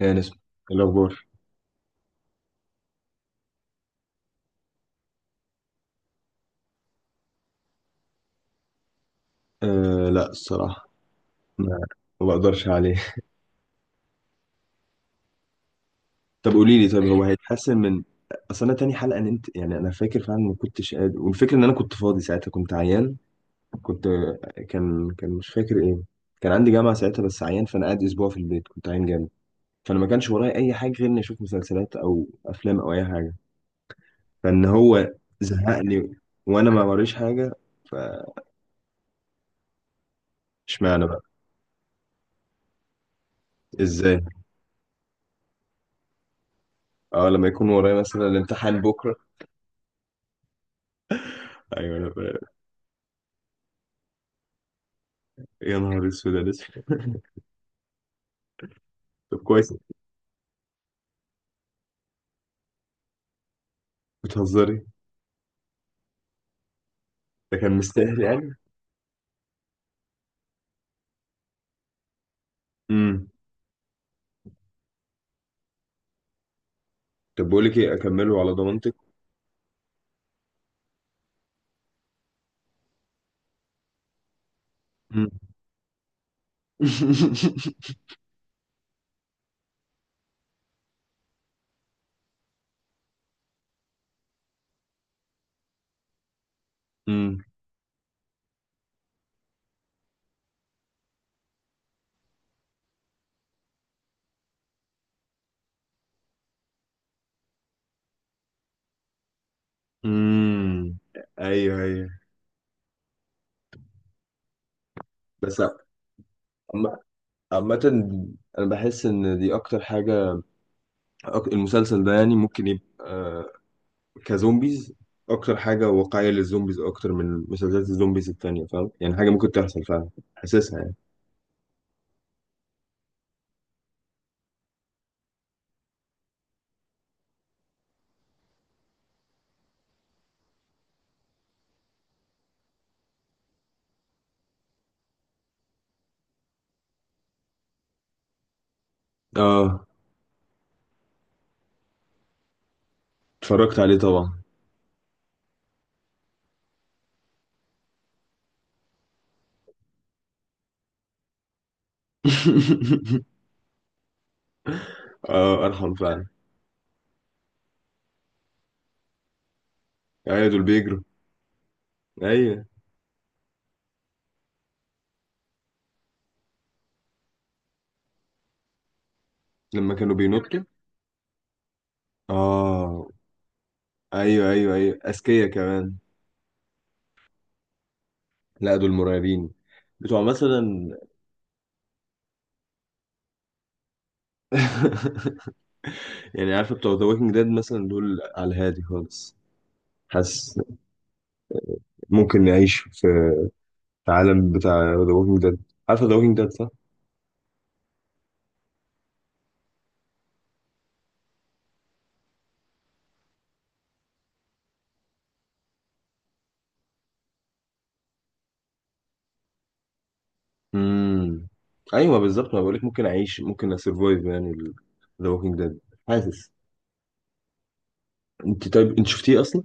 يعني اسمه الأخبار. آه، لا الصراحة، ما ما بقدرش عليه. طب قولي لي، طب هو هيتحسن من أصل؟ أنا تاني حلقة نمت، يعني أنا فاكر فعلا ما كنتش قادر، والفكرة إن أنا كنت فاضي ساعتها، كنت عيان. كنت كان كان مش فاكر إيه، كان عندي جامعة ساعتها، بس عيان، فأنا قاعد أسبوع في البيت، كنت عيان جامد. فأنا ما كانش ورايا أي حاجة غير إني أشوف مسلسلات أو أفلام أو أي حاجة، فإن هو زهقني، وأنا ما وريش حاجة. فاشمعنى بقى؟ إزاي؟ أه، لما يكون ورايا مثلا الامتحان بكرة. أيوه. يا نهار اسود، يا لسه. طب كويس. بتهزري؟ ده كان مستاهل يعني. امم طب بقول لك ايه، اكمله على ضمانتك. امم امم امم ايوه، ايوه. بس عم- عامة، انا بحس ان دي اكتر حاجة. المسلسل ده يعني ممكن يبقى كزومبيز اكتر حاجة واقعية للزومبيز اكتر من مسلسلات الزومبيز التانية، فاهم؟ يعني حاجة ممكن تحصل فعلا، حاسسها يعني. اه، اتفرجت عليه طبعا. اه، ارحم فعلا. ايوه، دول بيجروا. ايوه، لما كانوا بينطوا. اه، ايوه ايوه ايوه، اذكياء كمان. لا، دول مرعبين. بتوع مثلا. يعني عارفه بتوع ذا ووكينج ديد مثلا، دول على الهادي خالص. حاسس ممكن نعيش في العالم بتاع ذا ووكينج ديد. عارفه ذا ووكينج ديد، صح؟ امم ايوه بالظبط، ما بقولك ممكن اعيش، ممكن اسرفايف يعني ذا ووكينج ديد. حاسس. انت طيب، انت شفتيه اصلا؟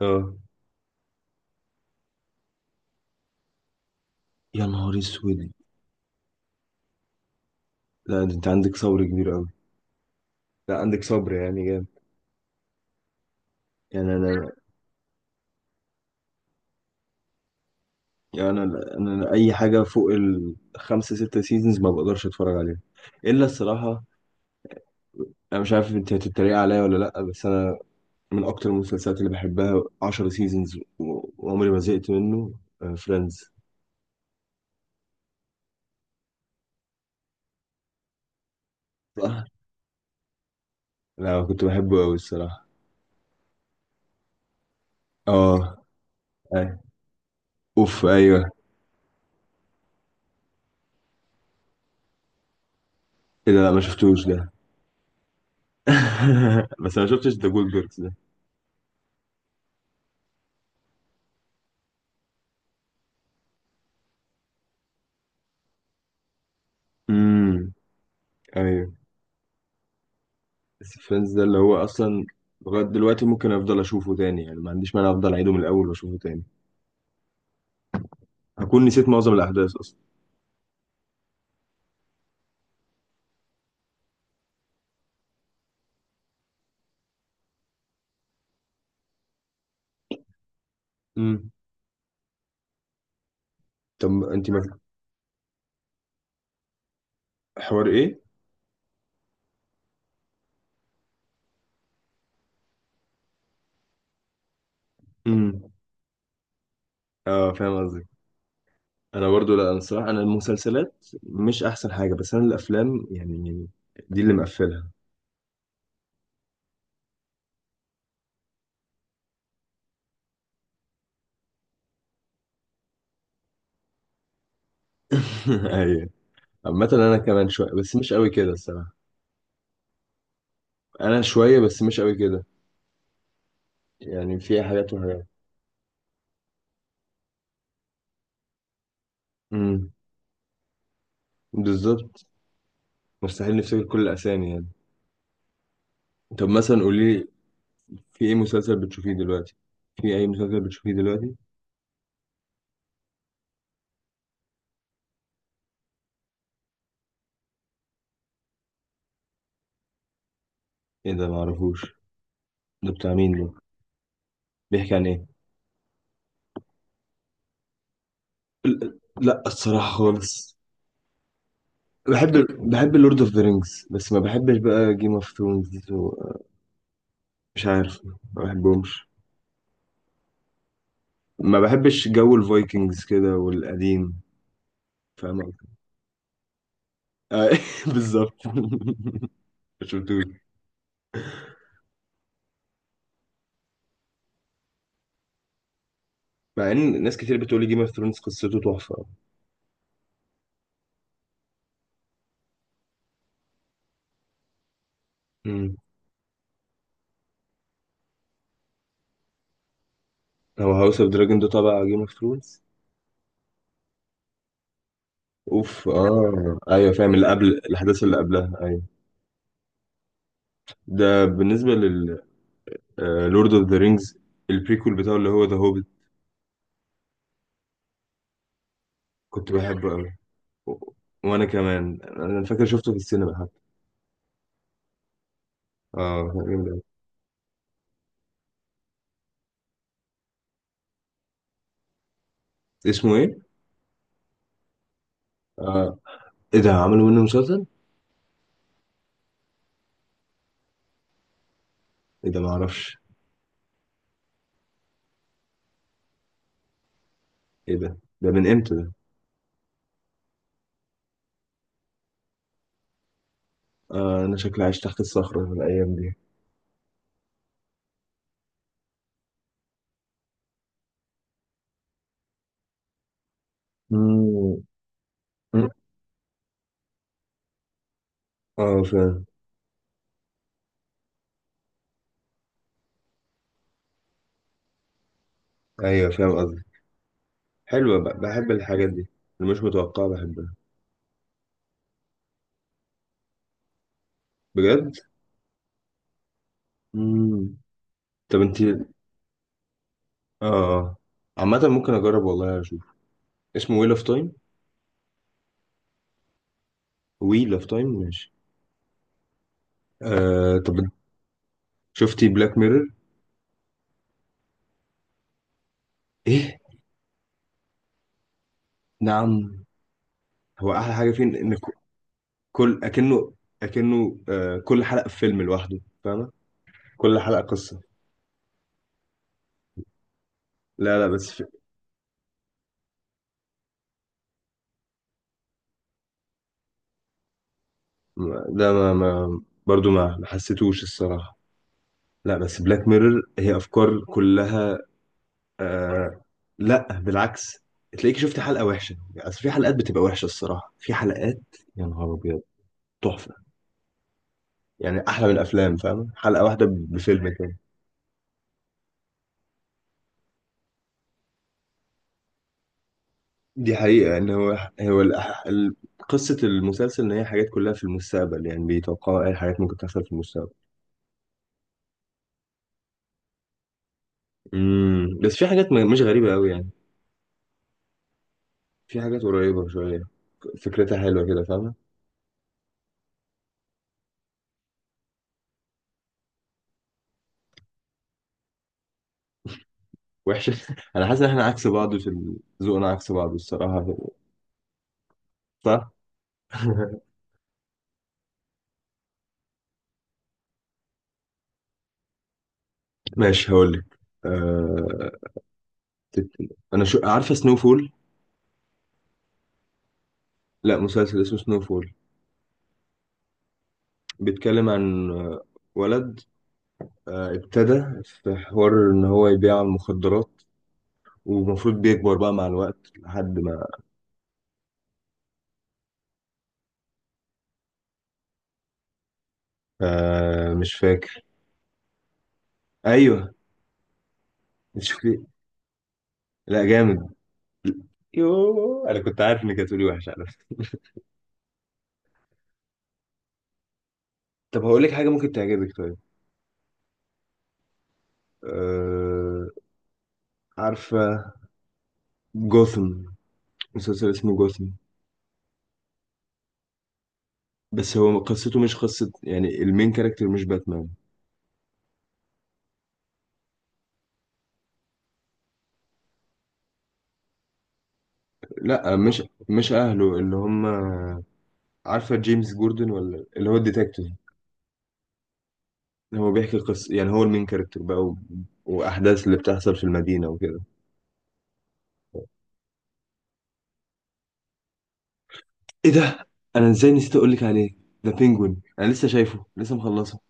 اه. يا نهار اسود. لا ده انت عندك صبر كبير قوي. لا، عندك صبر يعني. يعني انا يعني انا اي حاجه فوق الخمسه سته سيزونز ما بقدرش اتفرج عليها الا الصراحه. انا مش عارف انت هتتريق عليا ولا لا، بس انا من اكتر المسلسلات اللي بحبها 10 سيزونز وعمري ما زهقت منه، فريندز. صح. لا كنت بحبه قوي الصراحه. اه. أي. اوف، ايوه. ايه ده؟ لا ما شفتوش ده. بس انا ما شفتش ذا جولد بيركس ده. امم ايوه. بس فريندز ده اللي هو اصلا لغايه دلوقتي ممكن افضل اشوفه تاني يعني، ما عنديش مانع افضل اعيده من الاول واشوفه تاني. هكون نسيت معظم الاحداث اصلا. امم طب انت ما. حوار ايه؟ امم اه فاهم قصدك. انا برضو، لا انا الصراحه، انا المسلسلات مش احسن حاجه، بس انا الافلام يعني، دي اللي مقفلها. ايوه. عامه انا كمان شويه، بس مش قوي كده الصراحه. انا شويه بس مش قوي كده، يعني في حاجات وحاجات. امم بالظبط، مستحيل نفتكر كل الاسامي يعني. طب مثلا قولي لي، في ايه مسلسل بتشوفيه دلوقتي في اي مسلسل بتشوفيه دلوقتي؟ ايه ده، معرفوش. ده بتاع مين ده؟ بيحكي عن ايه؟ لا الصراحة خالص. بحب. بحب اللورد اوف ذا رينجز، بس ما بحبش بقى جيم اوف ثرونز. مش عارف، ما بحبهمش. ما بحبش جو الفايكنجز كده والقديم. فاهم قصدي؟ آه، بالظبط. ما شفتوش. مع ان ناس كتير بتقول لي جيم اوف ثرونز قصته تحفة. مم. هو هاوس اوف دراجون ده تبع جيم اوف ثرونز؟ اوف، اه ايوه فاهم، اللي قبل الاحداث اللي قبلها، ايوه. ده بالنسبة لل لورد اوف ذا رينجز، البريكول بتاعه اللي هو ذا هوبيت. كنت بحبه قوي. وانا كمان انا فاكر شفته في السينما حتى. اه كان جامد أوي. اسمه ايه؟ آه. ايه ده، عملوا منه مسلسل؟ ايه ده معرفش. ايه ده؟ ده من امتى ده؟ آه انا شكلي عايش تحت الصخرة في الايام دي. مم. مم. اه فاهم. ايوه فاهم قصدي. حلوة بقى، بحب الحاجات دي اللي مش متوقعة، بحبها. بجد؟ مم. طب انت. اه. آه. عامة ممكن اجرب والله، اشوف. اسمه ويل اوف تايم؟ ويل اوف تايم، ماشي. آه طب، شفتي بلاك ميرور؟ ايه؟ نعم. هو احلى حاجه فيه ان ك- كل اكنه اكنه آه، كل حلقه في فيلم لوحده، فاهمه؟ كل حلقه قصه. لا لا، بس في... ده ما برضو ما حسيتوش الصراحه. لا بس بلاك ميرور هي افكار كلها. آه... لا بالعكس، تلاقيك شفت حلقه وحشه يعني، أصل في حلقات بتبقى وحشه الصراحه، في حلقات يا نهار ابيض تحفه، يعني احلى من الافلام، فاهمه؟ حلقه واحده بفيلم كده. دي حقيقة يعني. هو الأح- ال- قصة المسلسل إن هي حاجات كلها في المستقبل، يعني بيتوقعوا أي حاجات ممكن تحصل في المستقبل. بس في حاجات مش غريبة أوي يعني، في حاجات قريبة شوية، فكرتها حلوة كده، فاهمة؟ وحشة. أنا حاسس إن إحنا عكس بعض في ال ذوقنا، عكس بعض الصراحة. صح. ماشي هقول لك. أه... تت- أنا شو عارفة سنو فول. لا مسلسل اسمه سنو فول. بيتكلم عن ولد ابتدى في حوار إن هو يبيع المخدرات، ومفروض بيكبر بقى مع الوقت لحد ما. آه مش فاكر. ايوه. شكلي. لا جامد. يوه انا كنت عارف انك هتقولي وحش على فكره. طب هقول لك حاجه ممكن تعجبك طيب. آه. عارفه جوثم؟ مسلسل اسمه جوثم. بس هو قصته مش قصة يعني المين كاركتر مش باتمان. لا، مش اهله اللي هم. عارفه جيمس جوردن، ولا اللي هو الديتكتيف. هو بيحكي قصة، يعني هو المين كاركتر بقى، و... واحداث اللي بتحصل في المدينة وكده. ايه ده، انا ازاي نسيت اقول لك عليه ده، بينجوين، انا لسه شايفه، لسه مخلصه.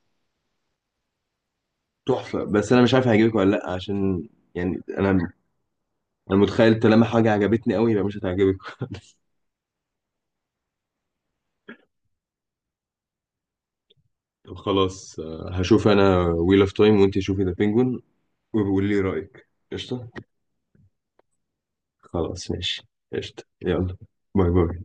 تحفه، بس انا مش عارف هيعجبك ولا لا، عشان يعني انا، انا متخيل طالما حاجه عجبتني قوي يبقى مش هتعجبك. طب خلاص، هشوف انا ويل اوف تايم، وانت شوفي ذا بينجوين، وبقول لي رايك، قشطه. خلاص ماشي. قشطه، يلا. باي باي.